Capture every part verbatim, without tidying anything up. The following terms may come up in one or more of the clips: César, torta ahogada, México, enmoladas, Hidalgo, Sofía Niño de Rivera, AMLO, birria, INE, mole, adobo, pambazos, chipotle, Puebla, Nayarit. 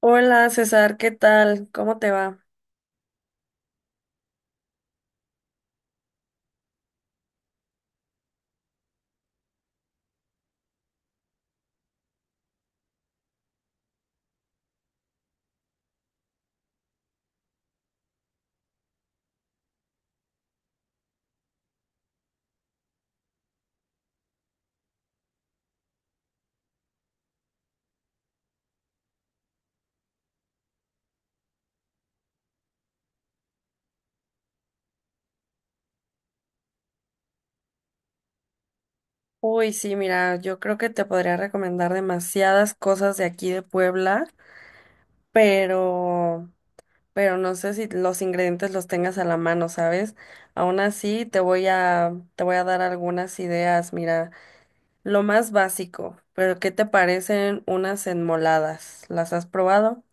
Hola César, ¿qué tal? ¿Cómo te va? Uy, sí, mira, yo creo que te podría recomendar demasiadas cosas de aquí de Puebla, pero, pero no sé si los ingredientes los tengas a la mano, ¿sabes? Aún así, te voy a, te voy a dar algunas ideas. Mira, lo más básico, pero ¿qué te parecen unas enmoladas? ¿Las has probado?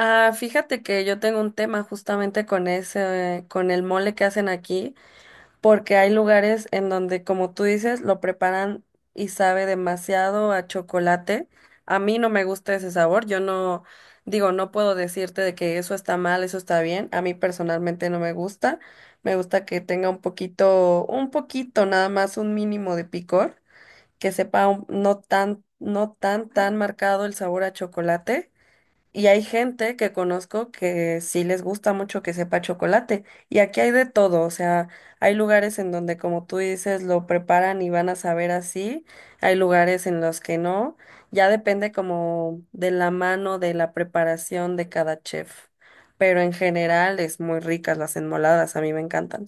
Ah, fíjate que yo tengo un tema justamente con ese, con el mole que hacen aquí, porque hay lugares en donde, como tú dices, lo preparan y sabe demasiado a chocolate. A mí no me gusta ese sabor, yo no, digo, no puedo decirte de que eso está mal, eso está bien, a mí personalmente no me gusta. Me gusta que tenga un poquito, un poquito nada más, un mínimo de picor, que sepa un- no tan, no tan, tan marcado el sabor a chocolate, y hay gente que conozco que sí les gusta mucho que sepa chocolate. Y aquí hay de todo, o sea, hay lugares en donde, como tú dices, lo preparan y van a saber así. Hay lugares en los que no. Ya depende como de la mano, de la preparación de cada chef. Pero en general es muy ricas las enmoladas, a mí me encantan.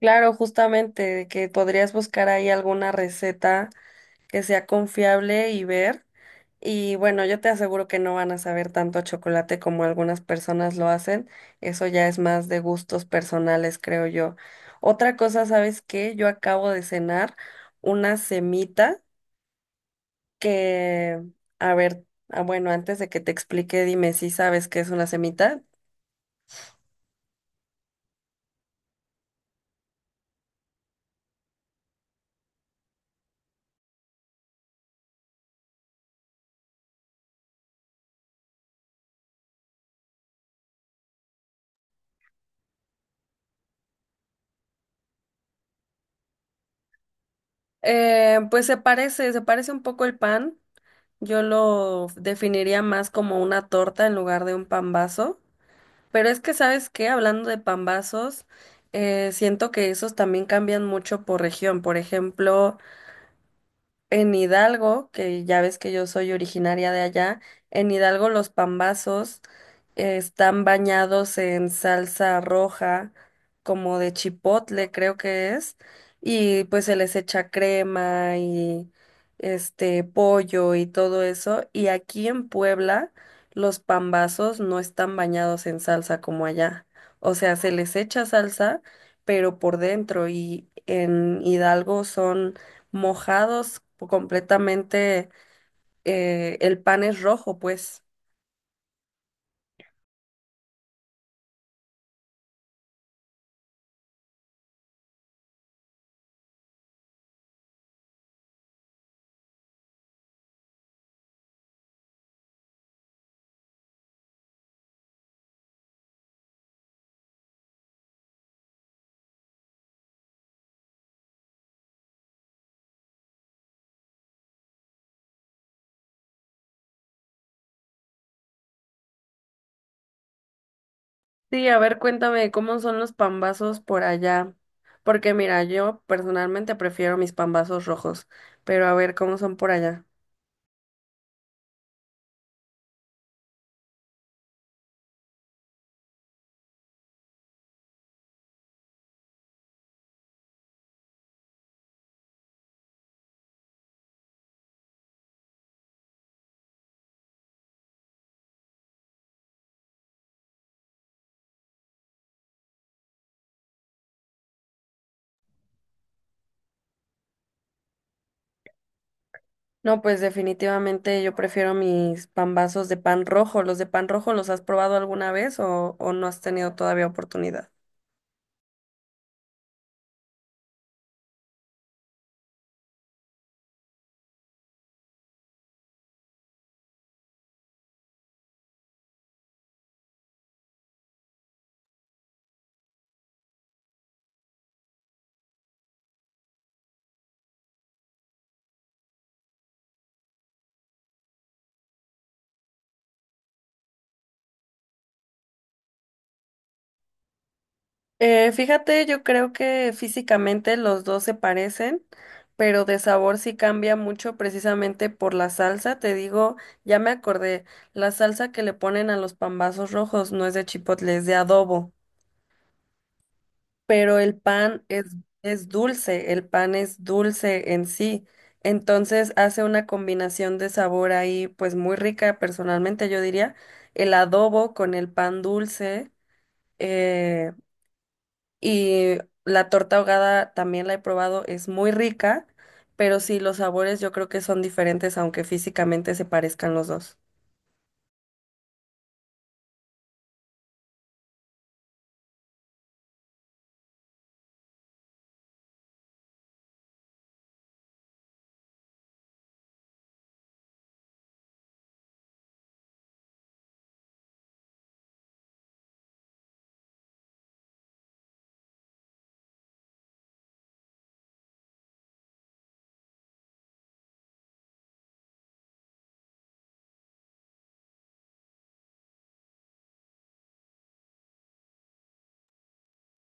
Claro, justamente, de que podrías buscar ahí alguna receta que sea confiable y ver. Y bueno, yo te aseguro que no van a saber tanto a chocolate como algunas personas lo hacen. Eso ya es más de gustos personales, creo yo. Otra cosa, ¿sabes qué? Yo acabo de cenar una semita que, a ver, ah, bueno, antes de que te explique, dime si sabes qué es una semita. Eh, pues se parece, se parece un poco el pan. Yo lo definiría más como una torta en lugar de un pan vaso. Pero es que, ¿sabes qué? Hablando de pambazos, eh, siento que esos también cambian mucho por región. Por ejemplo, en Hidalgo, que ya ves que yo soy originaria de allá, en Hidalgo los pambazos eh, están bañados en salsa roja, como de chipotle, creo que es, y pues se les echa crema y este pollo y todo eso. Y aquí en Puebla, los pambazos no están bañados en salsa como allá. O sea, se les echa salsa, pero por dentro, y en Hidalgo son mojados completamente, eh, el pan es rojo, pues. Sí, a ver, cuéntame cómo son los pambazos por allá. Porque mira, yo personalmente prefiero mis pambazos rojos, pero a ver cómo son por allá. No, pues definitivamente yo prefiero mis pambazos de pan rojo. ¿Los de pan rojo los has probado alguna vez o, o no has tenido todavía oportunidad? Eh, fíjate, yo creo que físicamente los dos se parecen, pero de sabor sí cambia mucho precisamente por la salsa. Te digo, ya me acordé, la salsa que le ponen a los pambazos rojos no es de chipotle, es de adobo, pero el pan es, es dulce, el pan es dulce en sí. Entonces hace una combinación de sabor ahí, pues muy rica, personalmente yo diría, el adobo con el pan dulce. Eh, Y la torta ahogada también la he probado, es muy rica, pero sí, los sabores yo creo que son diferentes, aunque físicamente se parezcan los dos.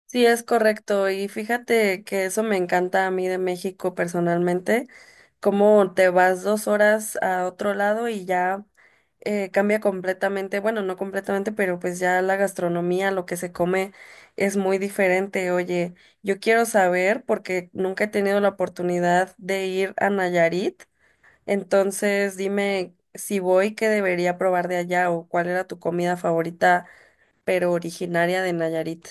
Sí, es correcto. Y fíjate que eso me encanta a mí de México personalmente, cómo te vas dos horas a otro lado y ya eh, cambia completamente, bueno, no completamente, pero pues ya la gastronomía, lo que se come es muy diferente. Oye, yo quiero saber, porque nunca he tenido la oportunidad de ir a Nayarit. Entonces, dime si voy, ¿qué debería probar de allá o cuál era tu comida favorita, pero originaria de Nayarit?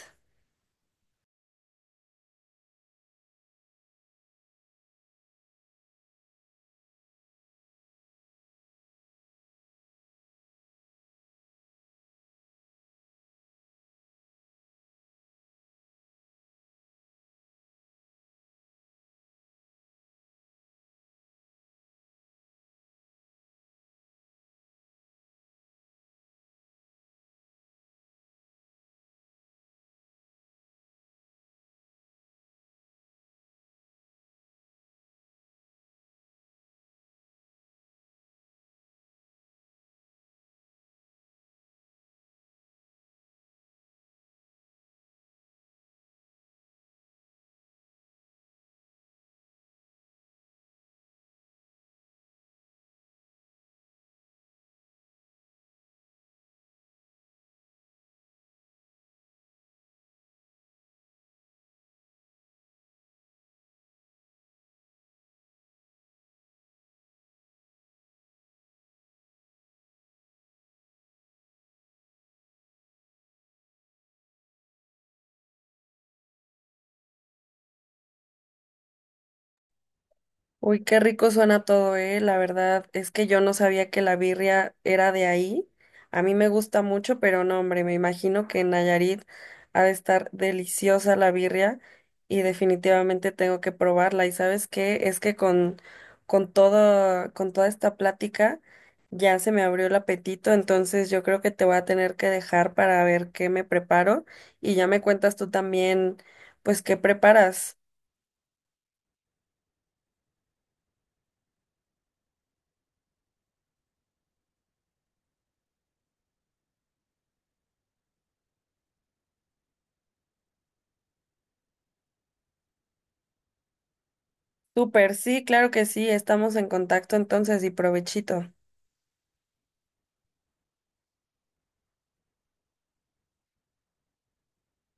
Uy, qué rico suena todo, eh. La verdad es que yo no sabía que la birria era de ahí. A mí me gusta mucho, pero no, hombre, me imagino que en Nayarit ha de estar deliciosa la birria y definitivamente tengo que probarla. ¿Y sabes qué? Es que con con todo con toda esta plática ya se me abrió el apetito, entonces yo creo que te voy a tener que dejar para ver qué me preparo y ya me cuentas tú también, pues qué preparas. Súper, sí, claro que sí, estamos en contacto entonces y provechito.